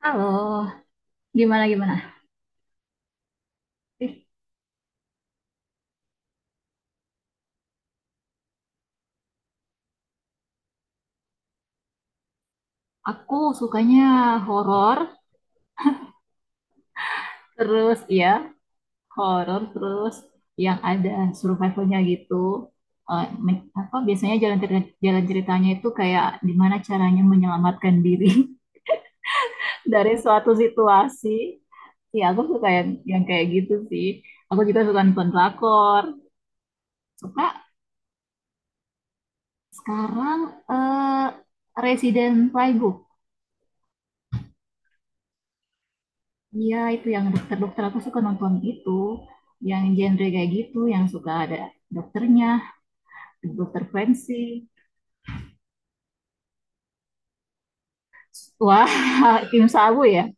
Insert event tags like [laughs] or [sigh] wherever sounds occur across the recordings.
Halo, gimana gimana? Ih, aku sukanya horor, terus ya horor terus yang ada survivalnya gitu. Apa biasanya jalan ceritanya itu kayak gimana caranya menyelamatkan diri [laughs] dari suatu situasi. Ya aku suka yang kayak gitu sih. Aku juga suka nonton drakor. Suka sekarang eh Resident Playbook. Iya, itu yang dokter-dokter aku suka nonton itu, yang genre kayak gitu, yang suka ada dokternya, dokter forensik. Wah, [laughs] Kim Sabu ya.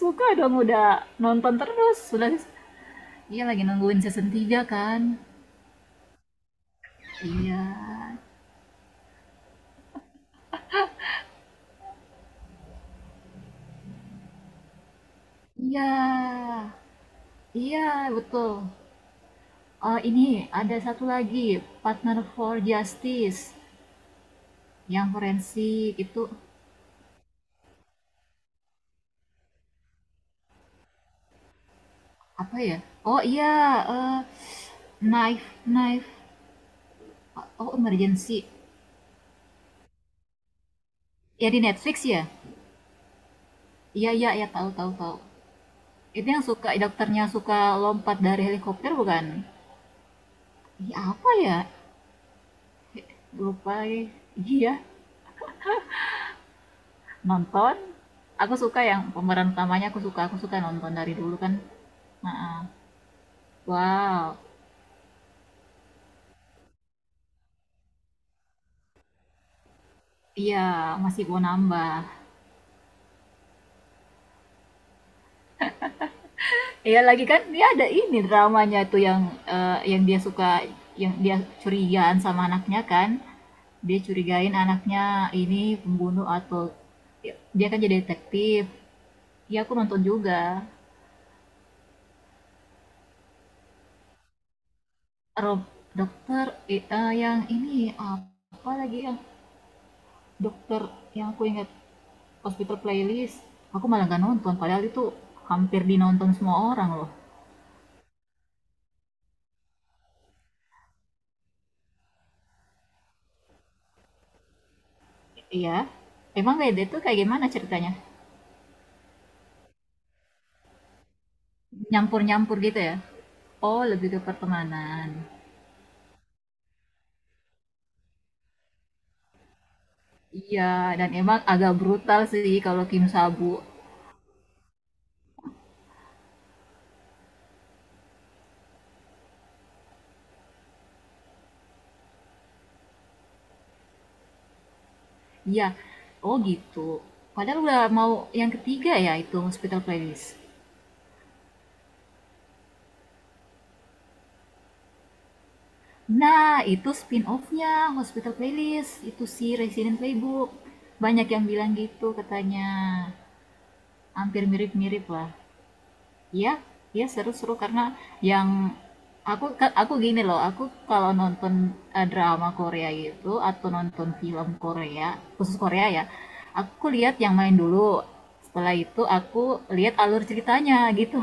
Suka dong udah nonton terus. Sudah iya lagi nungguin season 3 kan. Iya. Iya. Iya, betul. Oh, ini ada satu lagi, Partner for Justice yang forensik itu apa ya? Oh iya, eh, Knife Knife. Oh, emergency. Ya di Netflix ya? Iya, iya, ya tahu, tahu, tahu. Itu yang suka dokternya suka lompat dari helikopter bukan? Ih, apa ya? Lupa. Eh. Iya, nonton. Aku suka yang pemeran utamanya aku suka nonton dari dulu kan. Nah, wow. Iya, masih mau nambah. Iya lagi kan dia ada ini dramanya tuh yang dia suka yang dia curigaan sama anaknya kan. Dia curigain anaknya ini pembunuh atau ya, dia kan jadi detektif. Ya aku nonton juga. Rob dokter yang ini apa lagi yang dokter yang aku ingat hospital playlist. Aku malah gak nonton padahal itu hampir dinonton semua orang loh. Iya. Emang beda tuh kayak gimana ceritanya? Nyampur-nyampur gitu ya? Oh, lebih ke pertemanan. Iya, dan emang agak brutal sih kalau Kim Sabu. Iya. Oh gitu. Padahal udah mau yang ketiga ya itu Hospital Playlist. Nah, itu spin-off-nya Hospital Playlist. Itu si Resident Playbook. Banyak yang bilang gitu katanya. Hampir mirip-mirip lah. Iya, iya seru-seru karena yang aku kan aku gini loh, aku kalau nonton drama Korea gitu atau nonton film Korea, khusus Korea ya, aku lihat yang main dulu. Setelah itu aku lihat alur ceritanya gitu.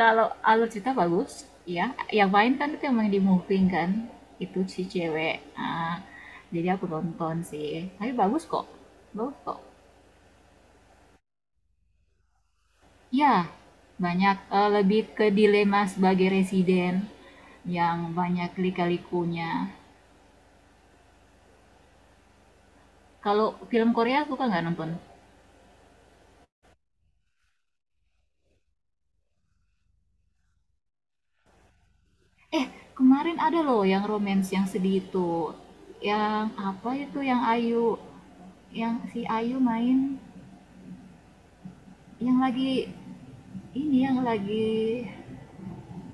Kalau alur cerita bagus, ya. Yang main kan itu yang main di Moving kan, itu si cewek. Ah, jadi aku nonton sih. Tapi bagus kok. Bagus kok. Ya, banyak lebih ke dilema sebagai residen yang banyak lika-likunya. Kalau film Korea suka nggak nonton? Eh, Kemarin ada loh yang romance yang sedih itu. Yang apa itu yang Ayu yang si Ayu main yang lagi ini yang lagi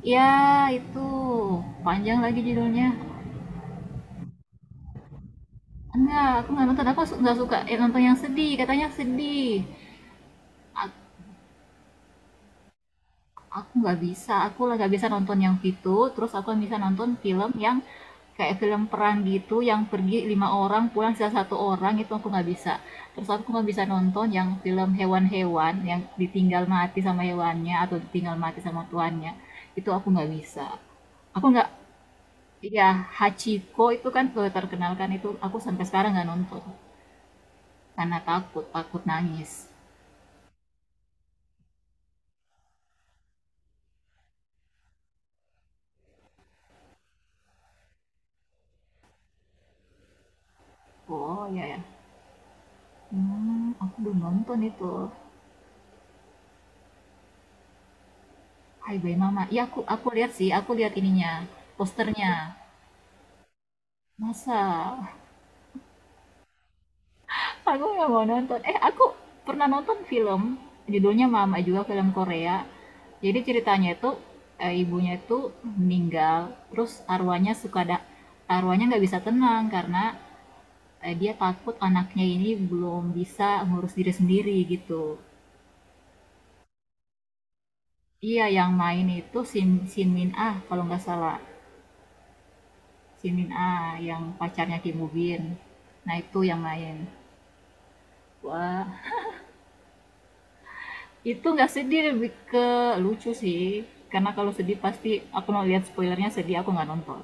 ya, itu panjang lagi judulnya. Enggak, aku nggak nonton. Aku nggak suka nonton yang sedih. Katanya sedih. Aku, aku nggak bisa. Aku lah nggak bisa nonton yang itu. Terus aku bisa nonton film yang kayak film perang gitu, yang pergi lima orang, pulang sisa satu orang. Itu aku nggak bisa. Terus aku nggak bisa nonton yang film hewan-hewan yang ditinggal mati sama hewannya atau ditinggal mati sama tuannya. Itu aku nggak bisa. Aku nggak. Iya, Hachiko itu kan, terkenal kan itu aku sampai sekarang nggak nonton, karena takut, takut nangis. Oh, iya ya? Aku belum nonton itu, Hai Bye Mama. Iya aku lihat sih, aku lihat ininya, posternya. Masa? Aku nggak mau nonton. Aku pernah nonton film, judulnya Mama juga, film Korea. Jadi ceritanya itu, ibunya itu meninggal, terus arwahnya suka ada, arwahnya nggak bisa tenang karena dia takut anaknya ini belum bisa ngurus diri sendiri gitu. Iya yang main itu Sin Min Ah kalau nggak salah. Sin Min Ah yang pacarnya Kim Woo Bin. Nah itu yang main. Wah itu nggak sedih lebih ke lucu sih. Karena kalau sedih pasti aku mau lihat spoilernya sedih aku nggak nonton.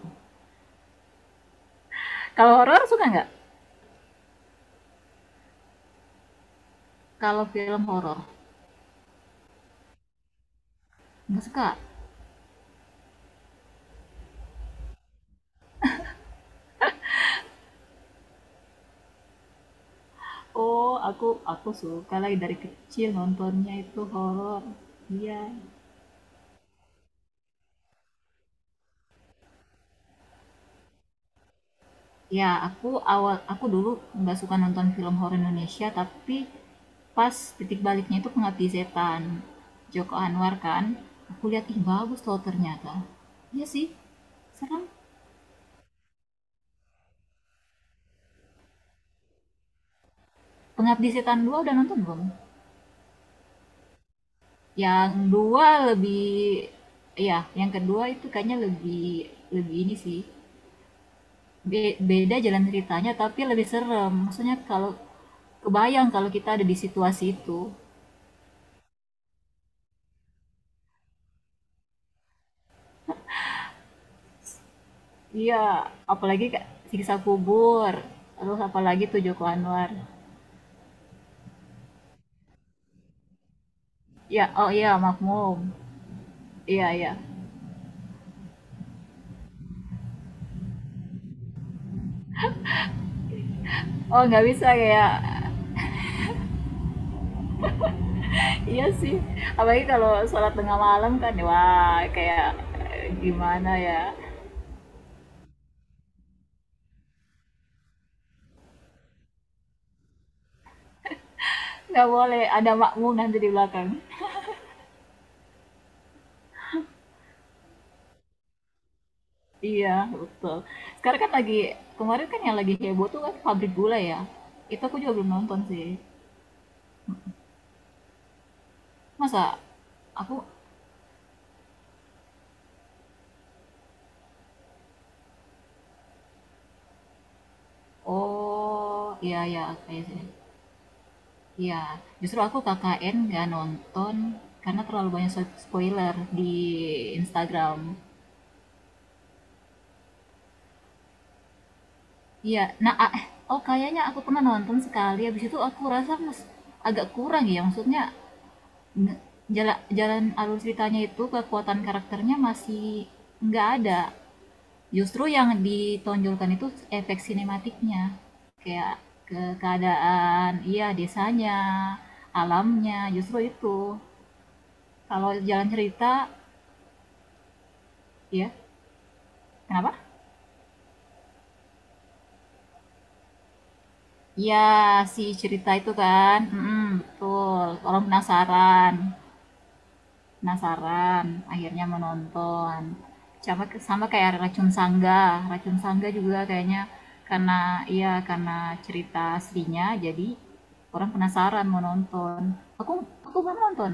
Kalau horor suka nggak? Kalau film horor nggak suka. Oh aku suka lagi dari kecil nontonnya itu horor. Iya, ya, aku awal aku dulu nggak suka nonton film horor Indonesia, tapi pas titik baliknya itu Pengabdi Setan. Joko Anwar kan, aku lihat ih bagus loh ternyata. Iya sih, serem. Pengabdi Setan 2 udah nonton belum? Yang dua lebih, ya, yang kedua itu kayaknya lebih lebih ini sih. Beda jalan ceritanya tapi lebih serem. Maksudnya kalau kebayang kalau kita ada di situasi itu. Iya, apalagi Kak, Siksa Kubur, terus apalagi tuh Joko Anwar. Ya, oh iya Makmum. Iya, iya. Oh nggak bisa kayak, [laughs] iya sih. Apalagi kalau sholat tengah malam kan, wah kayak gimana ya? Nggak boleh ada makmum nanti di belakang. Iya, betul. Sekarang kan lagi, kemarin kan yang lagi heboh tuh kan pabrik gula ya. Itu aku juga belum nonton sih. Masa aku, oh iya, ya kayaknya sih. Iya, justru aku KKN nggak nonton karena terlalu banyak spoiler di Instagram. Iya, nah ah, oh kayaknya aku pernah nonton sekali, habis itu aku rasa agak kurang ya, maksudnya nge- jala, jalan alur ceritanya itu kekuatan karakternya masih nggak ada. Justru yang ditonjolkan itu efek sinematiknya, kayak ke keadaan, iya desanya, alamnya, justru itu. Kalau jalan cerita, ya kenapa? Iya, si cerita itu kan. Mm-mm, betul. Orang penasaran. Penasaran. Akhirnya menonton. Sama, sama kayak Racun Sangga. Racun Sangga juga kayaknya karena iya karena cerita aslinya jadi orang penasaran mau nonton. Aku aku belum nonton.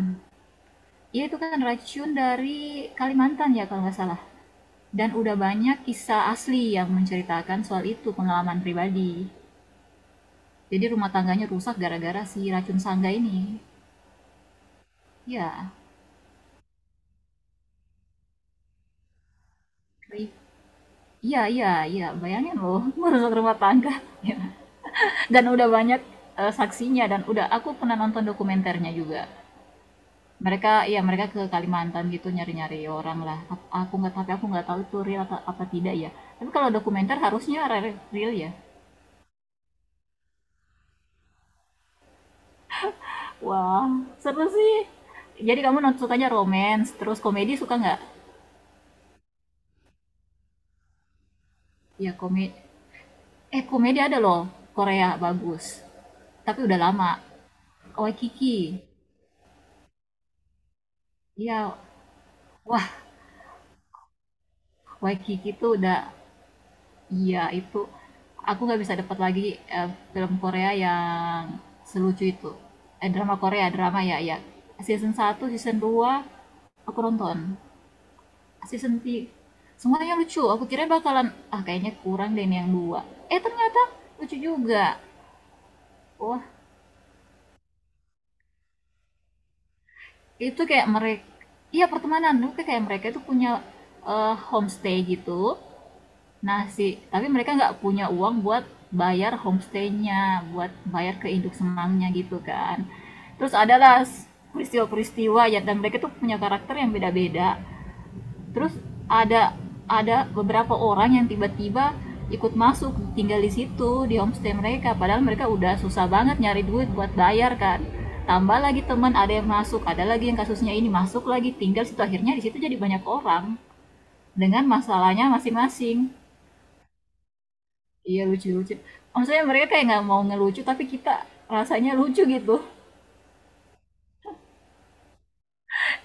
Iya itu kan racun dari Kalimantan ya kalau nggak salah. Dan udah banyak kisah asli yang menceritakan soal itu pengalaman pribadi. Jadi rumah tangganya rusak gara-gara si racun sangga ini. Ya, iya, iya, iya. Bayangin loh, [laughs] merusak rumah tangga. [laughs] Dan udah banyak saksinya dan udah aku pernah nonton dokumenternya juga. Mereka, ya mereka ke Kalimantan gitu nyari-nyari orang lah. Aku nggak, tapi aku nggak tahu itu real atau apa tidak ya. Tapi kalau dokumenter harusnya real ya. Wah, seru sih. Jadi kamu sukanya romance, terus komedi suka nggak? Ya komedi, komedi ada loh, Korea bagus. Tapi udah lama. Waikiki. Iya, wah, Waikiki itu udah iya itu aku nggak bisa dapat lagi eh, film Korea yang selucu itu. Drama Korea, drama ya, ya. Season satu season 2 aku nonton. Season 3 semuanya lucu. Aku kira bakalan ah kayaknya kurang deh ini yang dua. Ternyata lucu juga. Wah, itu kayak mereka, iya pertemanan, itu kayak mereka itu punya homestay gitu. Nah, si tapi mereka nggak punya uang buat bayar homestaynya, buat bayar ke induk semangnya gitu kan. Terus adalah peristiwa-peristiwa ya dan mereka tuh punya karakter yang beda-beda terus ada ada beberapa orang yang tiba-tiba ikut masuk tinggal di situ di homestay mereka padahal mereka udah susah banget nyari duit buat bayar kan tambah lagi teman ada yang masuk ada lagi yang kasusnya ini masuk lagi tinggal situ akhirnya di situ jadi banyak orang dengan masalahnya masing-masing iya lucu-lucu maksudnya mereka kayak nggak mau ngelucu tapi kita rasanya lucu gitu.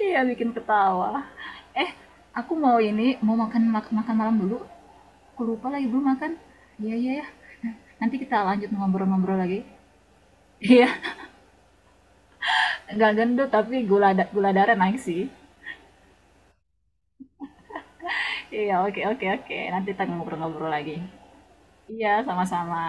Iya bikin ketawa. Eh, aku mau ini mau makan makan malam dulu. Aku lupa lagi belum makan. Iya iya ya. Nah, nanti kita lanjut ngobrol-ngobrol lagi. Iya, nggak gendut tapi gula darah naik sih. Iya, oke oke oke. Nanti kita ngobrol-ngobrol lagi. Iya, sama-sama.